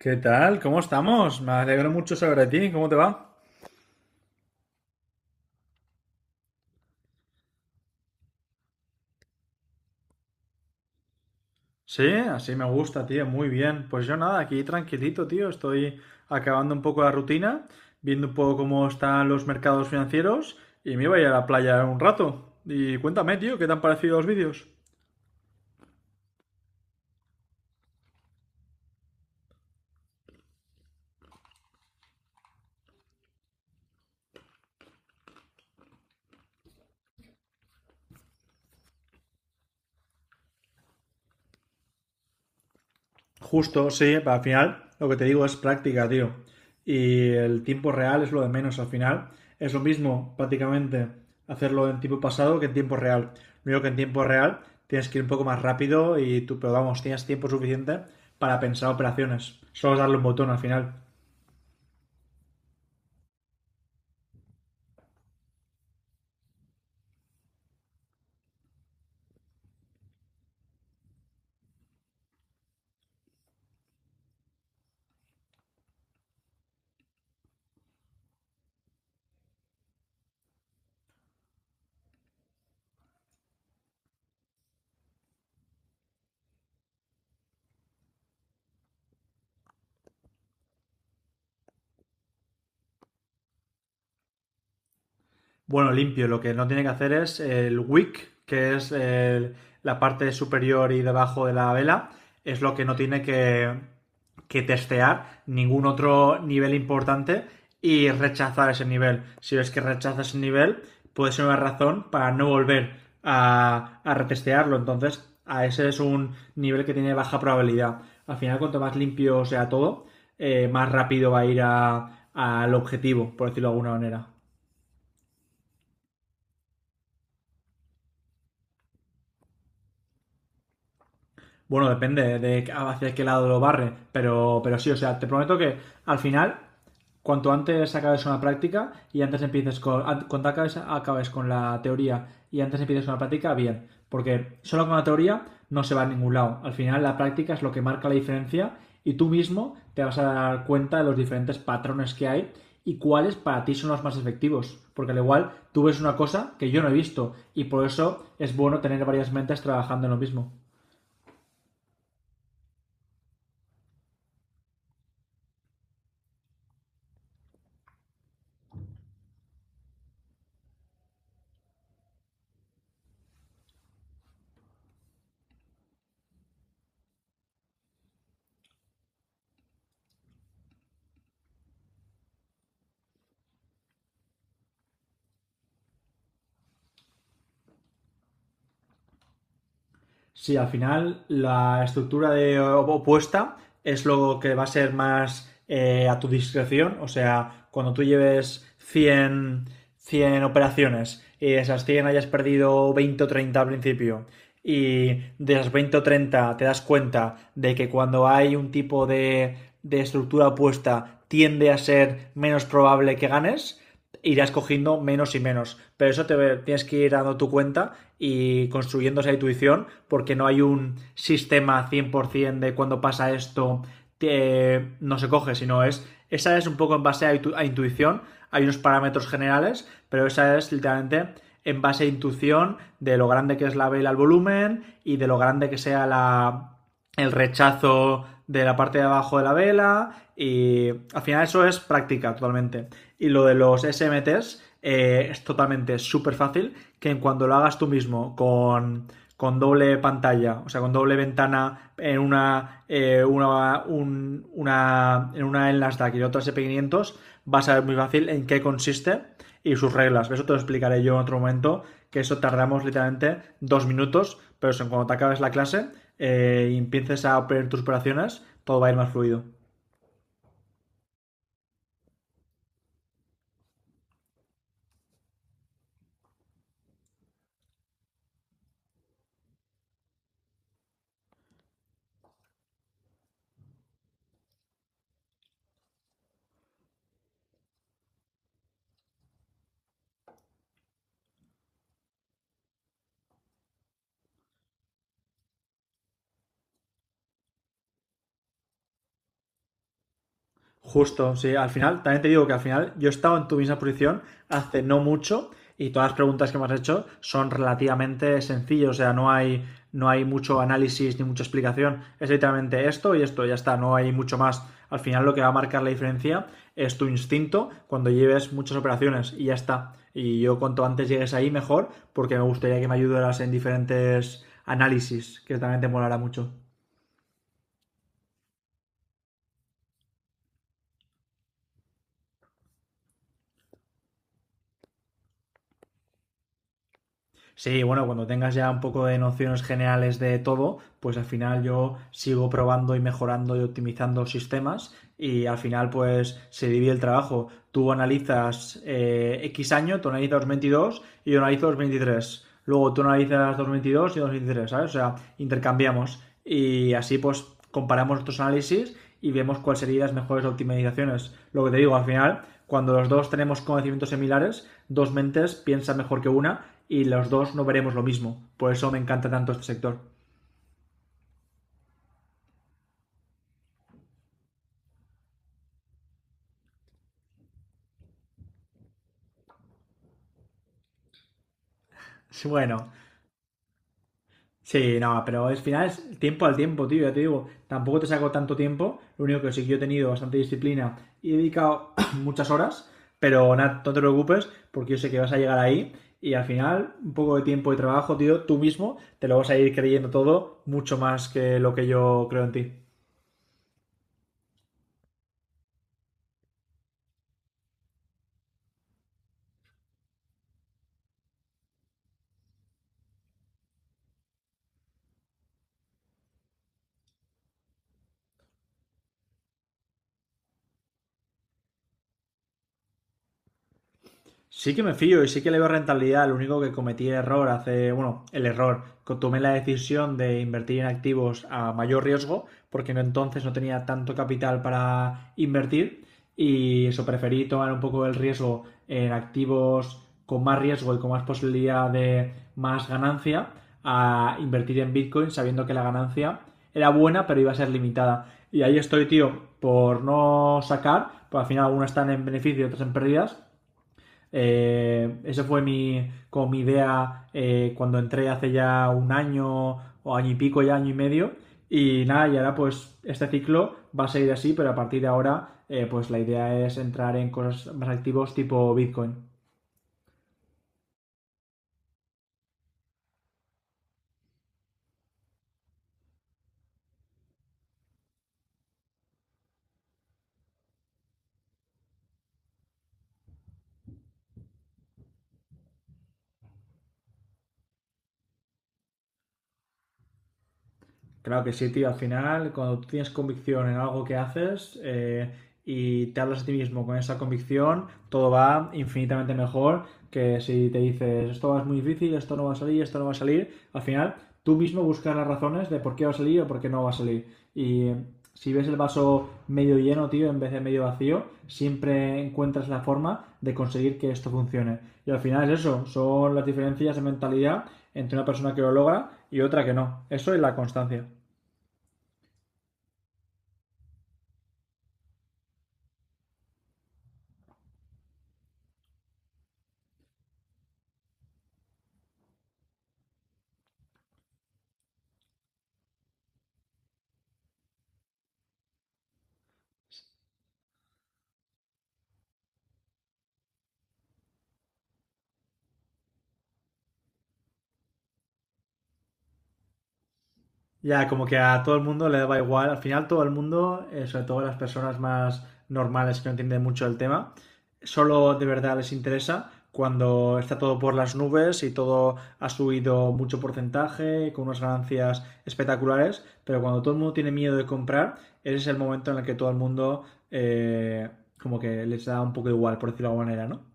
¿Qué tal? ¿Cómo estamos? Me alegro mucho saber de ti. ¿Cómo te va? Sí, así me gusta, tío. Muy bien. Pues yo nada, aquí tranquilito, tío. Estoy acabando un poco la rutina, viendo un poco cómo están los mercados financieros y me iba a ir a la playa un rato. Y cuéntame, tío, ¿qué te han parecido los vídeos? Justo, sí, pero al final lo que te digo es práctica, tío. Y el tiempo real es lo de menos al final. Es lo mismo prácticamente hacerlo en tiempo pasado que en tiempo real. Lo único que en tiempo real tienes que ir un poco más rápido y tú, pero vamos, tienes tiempo suficiente para pensar operaciones. Solo es darle un botón al final. Bueno, limpio, lo que no tiene que hacer es el wick, que es la parte superior y debajo de la vela, es lo que no tiene que testear ningún otro nivel importante y rechazar ese nivel. Si ves que rechaza ese nivel, puede ser una razón para no volver a retestearlo. Entonces, a ese es un nivel que tiene baja probabilidad. Al final, cuanto más limpio sea todo, más rápido va a al objetivo, por decirlo de alguna manera. Bueno, depende de hacia qué lado lo barre, pero sí, o sea, te prometo que al final, cuanto antes acabes una práctica y antes empieces cuanto acabes con la teoría y antes empieces con la práctica, bien, porque solo con la teoría no se va a ningún lado. Al final la práctica es lo que marca la diferencia y tú mismo te vas a dar cuenta de los diferentes patrones que hay y cuáles para ti son los más efectivos. Porque al igual tú ves una cosa que yo no he visto y por eso es bueno tener varias mentes trabajando en lo mismo. Sí, al final la estructura de opuesta es lo que va a ser más a tu discreción. O sea, cuando tú lleves 100 operaciones y de esas 100 hayas perdido 20 o 30 al principio y de esas 20 o 30 te das cuenta de que cuando hay un tipo de estructura opuesta tiende a ser menos probable que ganes, irás cogiendo menos y menos. Pero eso te tienes que ir dando tu cuenta y construyendo esa intuición porque no hay un sistema 100% de cuando pasa esto no se coge, sino es esa es un poco en base a intuición, hay unos parámetros generales, pero esa es literalmente en base a intuición de lo grande que es la vela al volumen y de lo grande que sea la el rechazo de la parte de abajo de la vela y al final eso es práctica totalmente. Y lo de los S SMTs es totalmente súper fácil que en cuando lo hagas tú mismo con doble pantalla, o sea, con doble ventana en una, un, una en Nasdaq y en otra SP500, vas a ver muy fácil en qué consiste y sus reglas. Eso te lo explicaré yo en otro momento, que eso tardamos literalmente dos minutos, pero eso, cuando te acabes la clase y empieces a operar tus operaciones, todo va a ir más fluido. Justo, sí, al final, también te digo que al final yo he estado en tu misma posición hace no mucho y todas las preguntas que me has hecho son relativamente sencillas, o sea, no hay, no hay mucho análisis ni mucha explicación, es literalmente esto y esto, ya está, no hay mucho más. Al final lo que va a marcar la diferencia es tu instinto cuando lleves muchas operaciones y ya está. Y yo cuanto antes llegues ahí mejor porque me gustaría que me ayudaras en diferentes análisis, que también te molará mucho. Sí, bueno, cuando tengas ya un poco de nociones generales de todo, pues al final yo sigo probando y mejorando y optimizando sistemas y al final pues se divide el trabajo. Tú analizas X año, tú analizas 2022 y yo analizo 2023. Luego tú analizas 2022 y 2023, ¿sabes? O sea, intercambiamos y así pues comparamos nuestros análisis y vemos cuáles serían las mejores optimizaciones. Lo que te digo, al final, cuando los dos tenemos conocimientos similares, dos mentes piensan mejor que una y los dos no veremos lo mismo. Por eso me encanta tanto este sector. Bueno, sí, no, pero al final es tiempo al tiempo, tío, ya te digo, tampoco te saco tanto tiempo, lo único que sí que yo he tenido bastante disciplina y he dedicado muchas horas, pero nada, no te preocupes porque yo sé que vas a llegar ahí y al final un poco de tiempo y trabajo, tío, tú mismo te lo vas a ir creyendo todo mucho más que lo que yo creo en ti. Sí que me fío y sí que le veo rentabilidad. Lo único que cometí error hace, bueno, el error, que tomé la decisión de invertir en activos a mayor riesgo, porque entonces no tenía tanto capital para invertir y eso preferí tomar un poco el riesgo en activos con más riesgo y con más posibilidad de más ganancia a invertir en Bitcoin sabiendo que la ganancia era buena pero iba a ser limitada. Y ahí estoy, tío, por no sacar, pues al final algunas están en beneficio y otras en pérdidas esa fue como mi idea cuando entré hace ya un año o año y pico, ya año y medio. Y nada, y ahora pues este ciclo va a seguir así, pero a partir de ahora pues la idea es entrar en cosas más activos tipo Bitcoin. Claro que sí, tío. Al final, cuando tú tienes convicción en algo que haces y te hablas a ti mismo con esa convicción, todo va infinitamente mejor que si te dices esto es muy difícil, esto no va a salir, esto no va a salir. Al final, tú mismo buscas las razones de por qué va a salir o por qué no va a salir. Y si ves el vaso medio lleno, tío, en vez de medio vacío, siempre encuentras la forma de conseguir que esto funcione. Y al final es eso, son las diferencias de mentalidad entre una persona que lo logra y otra que no. Eso es la constancia. Ya, como que a todo el mundo le daba igual. Al final todo el mundo, sobre todo las personas más normales que no entienden mucho el tema, solo de verdad les interesa cuando está todo por las nubes y todo ha subido mucho porcentaje, con unas ganancias espectaculares, pero cuando todo el mundo tiene miedo de comprar, ese es el momento en el que todo el mundo eh, como que les da un poco igual, por decirlo de alguna manera, ¿no?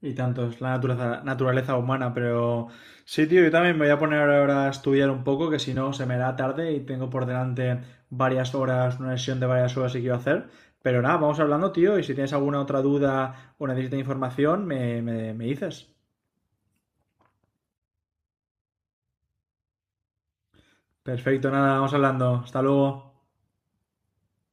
Y tanto, es la naturaleza, naturaleza humana, pero sí, tío, yo también me voy a poner ahora a estudiar un poco, que si no se me hará tarde y tengo por delante varias horas, una sesión de varias horas que quiero hacer. Pero nada, vamos hablando, tío, y si tienes alguna otra duda o necesitas información, me dices. Perfecto, nada, vamos hablando. Hasta luego.